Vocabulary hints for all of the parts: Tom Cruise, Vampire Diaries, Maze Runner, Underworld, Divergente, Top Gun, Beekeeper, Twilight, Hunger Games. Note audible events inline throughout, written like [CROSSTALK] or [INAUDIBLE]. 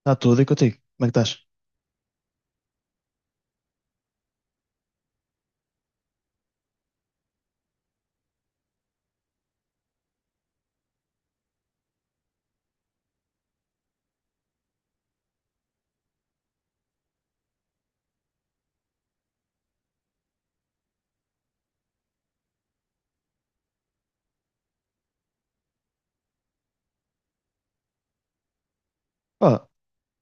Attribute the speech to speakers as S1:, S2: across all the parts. S1: Está tudo e contigo. Como é que estás? Pá,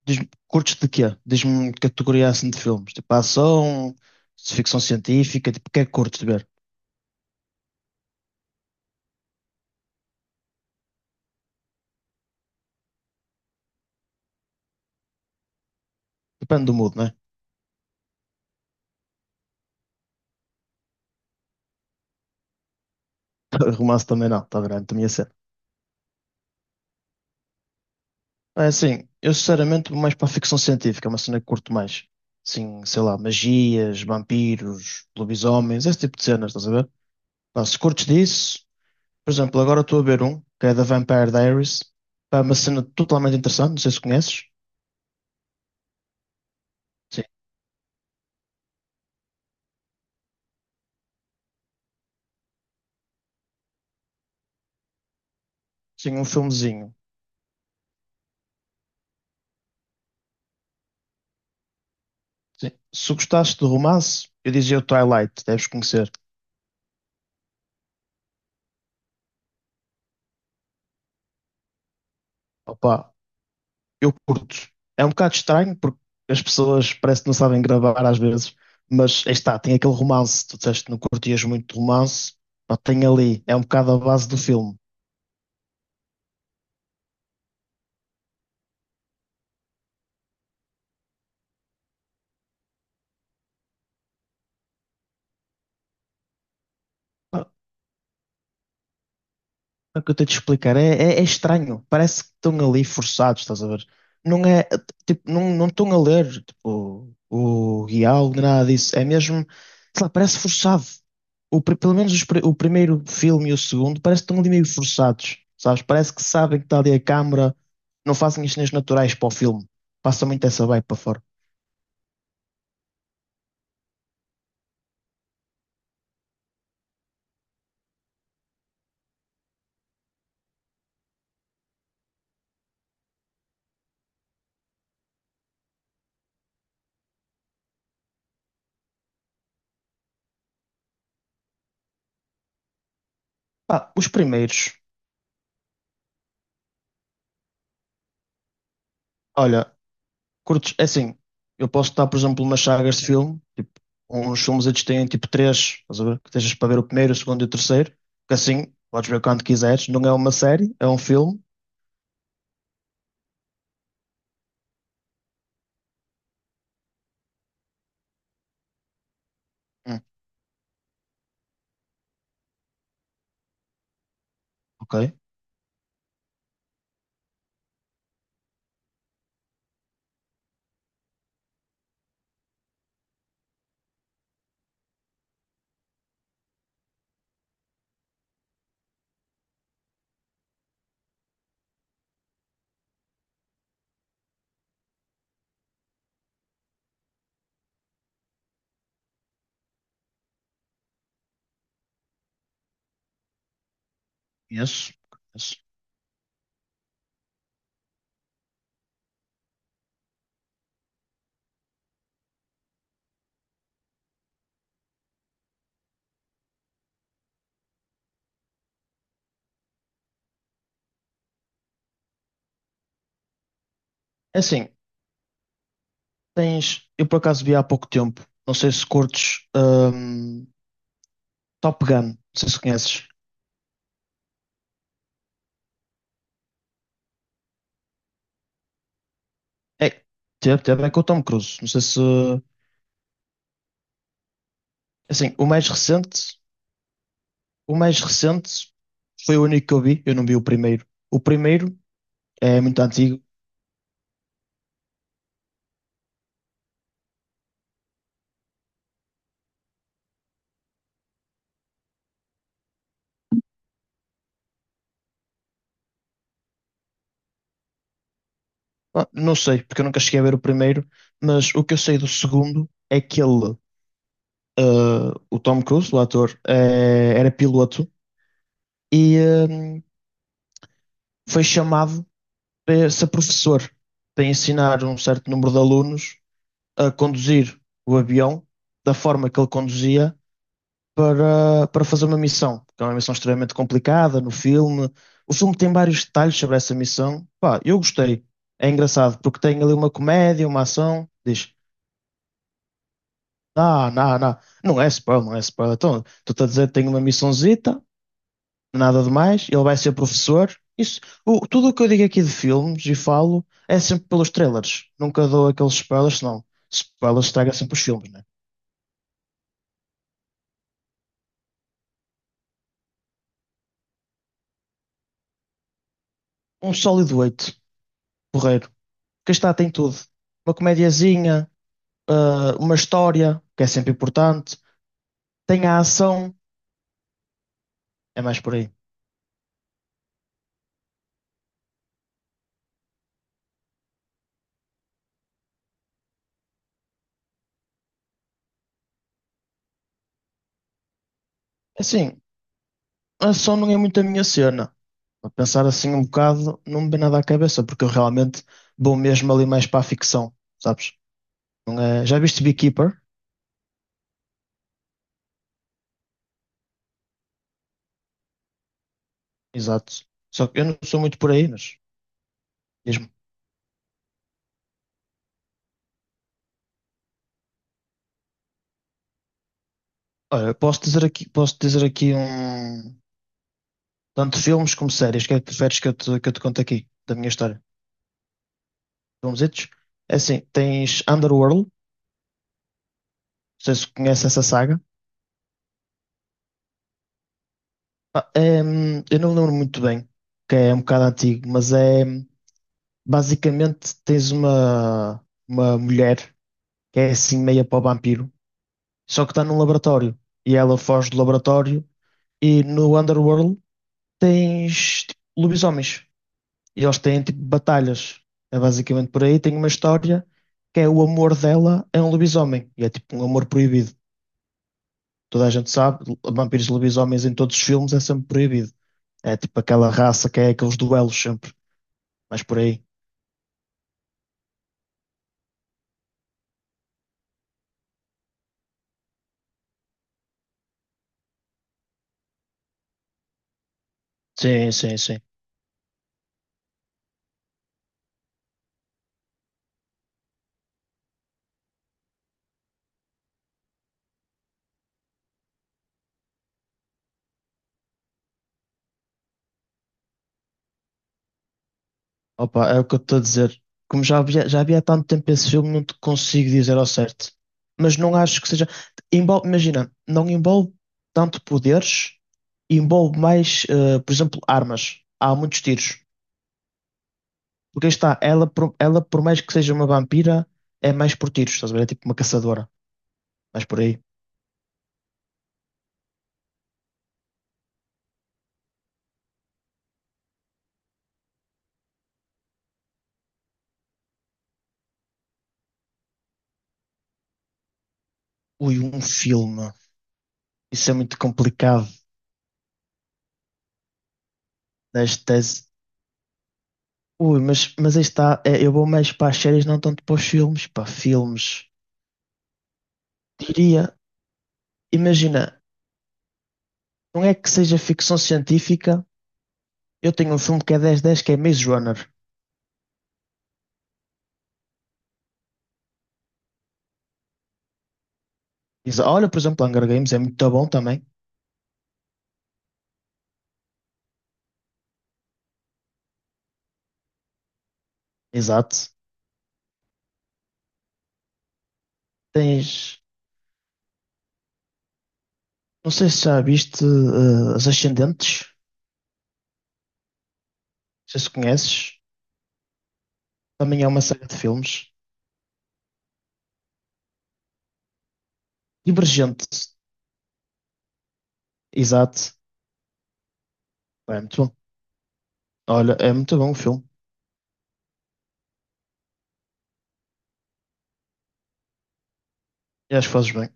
S1: diz-me, curtes de quê? Diz-me categoria assim de filmes. Tipo ação, de ficção científica, tipo, o que é que curtes de ver? Depende do mood, né? [LAUGHS] Romance também não, está grande, também é ser. É assim, eu sinceramente vou mais para a ficção científica, é uma cena que curto mais. Sim, sei lá, magias, vampiros, lobisomens, esse tipo de cenas, estás a ver? Pá, se curtes disso, por exemplo, agora estou a ver um, que é da Vampire Diaries. Pá, é uma cena totalmente interessante, não sei se conheces. Sim, sim, um filmezinho. Sim. Se gostaste de romance, eu dizia o Twilight, deves conhecer. Opa, eu curto. É um bocado estranho porque as pessoas parece que não sabem gravar às vezes, mas aí está, tem aquele romance. Tu disseste que não curtias muito de romance, pá, tem ali, é um bocado a base do filme. É o que eu estou a te explicar. É estranho. Parece que estão ali forçados, estás a ver? Não é, tipo, não estão a ler, tipo, o guião, nem nada disso. É mesmo, sei lá, parece forçado. O, pelo menos o primeiro filme e o segundo parece que estão ali meio forçados, sabes? Parece que sabem que está ali a câmara, não fazem as cenas naturais para o filme. Passa muito essa vibe para fora. Pá, os primeiros, olha, curtos, é assim, eu posso estar, por exemplo, umas sagas de filme, tipo, uns filmes eles têm tipo três, estás a ver? Que estejas para ver o primeiro, o segundo e o terceiro, que assim podes ver quando quiseres. Não é uma série, é um filme. Hum, ok, conheço, conheço. É assim, tens. Eu por acaso vi há pouco tempo, não sei se curtes Top Gun, não sei se conheces. É, teve, teve, é com o Tom Cruise. Não sei se. É assim, o mais recente foi o único que eu vi, eu não vi o primeiro. O primeiro. É muito antigo. Ah, não sei, porque eu nunca cheguei a ver o primeiro, mas o que eu sei do segundo é que ele, ah, o Tom Cruise, o ator, era piloto e hum, foi chamado para ser professor, para ensinar um certo número de alunos a conduzir o avião da forma que ele conduzia para, para fazer uma missão, que é uma missão extremamente complicada no filme. O filme tem vários detalhes sobre essa missão. Pá, eu gostei. É engraçado, porque tem ali uma comédia, uma ação. Diz. Não. Não é spoiler, não é spoiler. Então, tu estás a dizer que tem uma missãozita, nada demais, ele vai ser professor. Isso, o- tudo o que eu digo aqui de filmes e falo é sempre pelos trailers. Nunca dou aqueles spoilers, senão spoilers estraga sempre os filmes, né? Um sólido 8 porreiro. Que está, tem tudo. Uma comediazinha, ah, uma história, que é sempre importante. Tem a ação, é mais por aí. Assim, a ação não é muito a minha cena. A pensar assim um bocado, não me vem nada à cabeça, porque eu realmente vou mesmo ali mais para a ficção, sabes? Não é... Já viste Beekeeper? Exato. Só que eu não sou muito por aí, mas mesmo. Olha, posso dizer aqui um... Tanto filmes como séries. O que é que preferes que eu te conte aqui, da minha história? Vamos filmesitos? É assim, tens Underworld, não sei se conheces essa saga. Ah, é, eu não me lembro muito bem, que é um bocado antigo, mas é. Basicamente, tens uma mulher que é assim meia para o vampiro, só que está num laboratório. E ela foge do laboratório. E no Underworld tens tipo, lobisomens. E eles têm tipo batalhas. É basicamente por aí. Tem uma história que é o amor dela é um lobisomem. E é tipo um amor proibido. Toda a gente sabe, vampiros e lobisomens em todos os filmes é sempre proibido. É tipo aquela raça que é aqueles duelos sempre. Mas por aí. Sim, sim, sim. Opa, é o que eu estou a dizer. Como já havia há tanto tempo esse filme, não te consigo dizer ao certo. Mas não acho que seja. Envolve, imagina, não envolve tanto poderes, envolve mais, por exemplo, armas. Há muitos tiros. Porque aí está, ela, ela, por mais que seja uma vampira, é mais por tiros, estás a ver? É tipo uma caçadora. Mas por aí. Ui, um filme. Isso é muito complicado nesta tese. Ui, mas aí está, é, eu vou mais para as séries, não tanto para os filmes. Para filmes. Diria. Imagina. Não é que seja ficção científica. Eu tenho um filme que é dez dez que é Maze Runner. Exa- Olha, por exemplo, Hunger Games é muito bom também. Exato. Tens. Não sei se já viste As Ascendentes. Não sei se conheces. Também é uma série de filmes. Divergente. Exato. É muito bom. Olha, é muito bom o filme. E acho que fazes bem.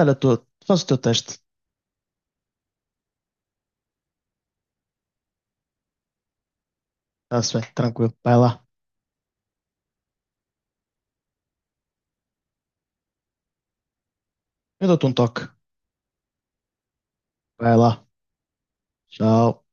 S1: Olha, tu, faz o teu teste. Está-se bem, tranquilo. Vai lá. Eu dou-te um toque. Vai lá. Tchau.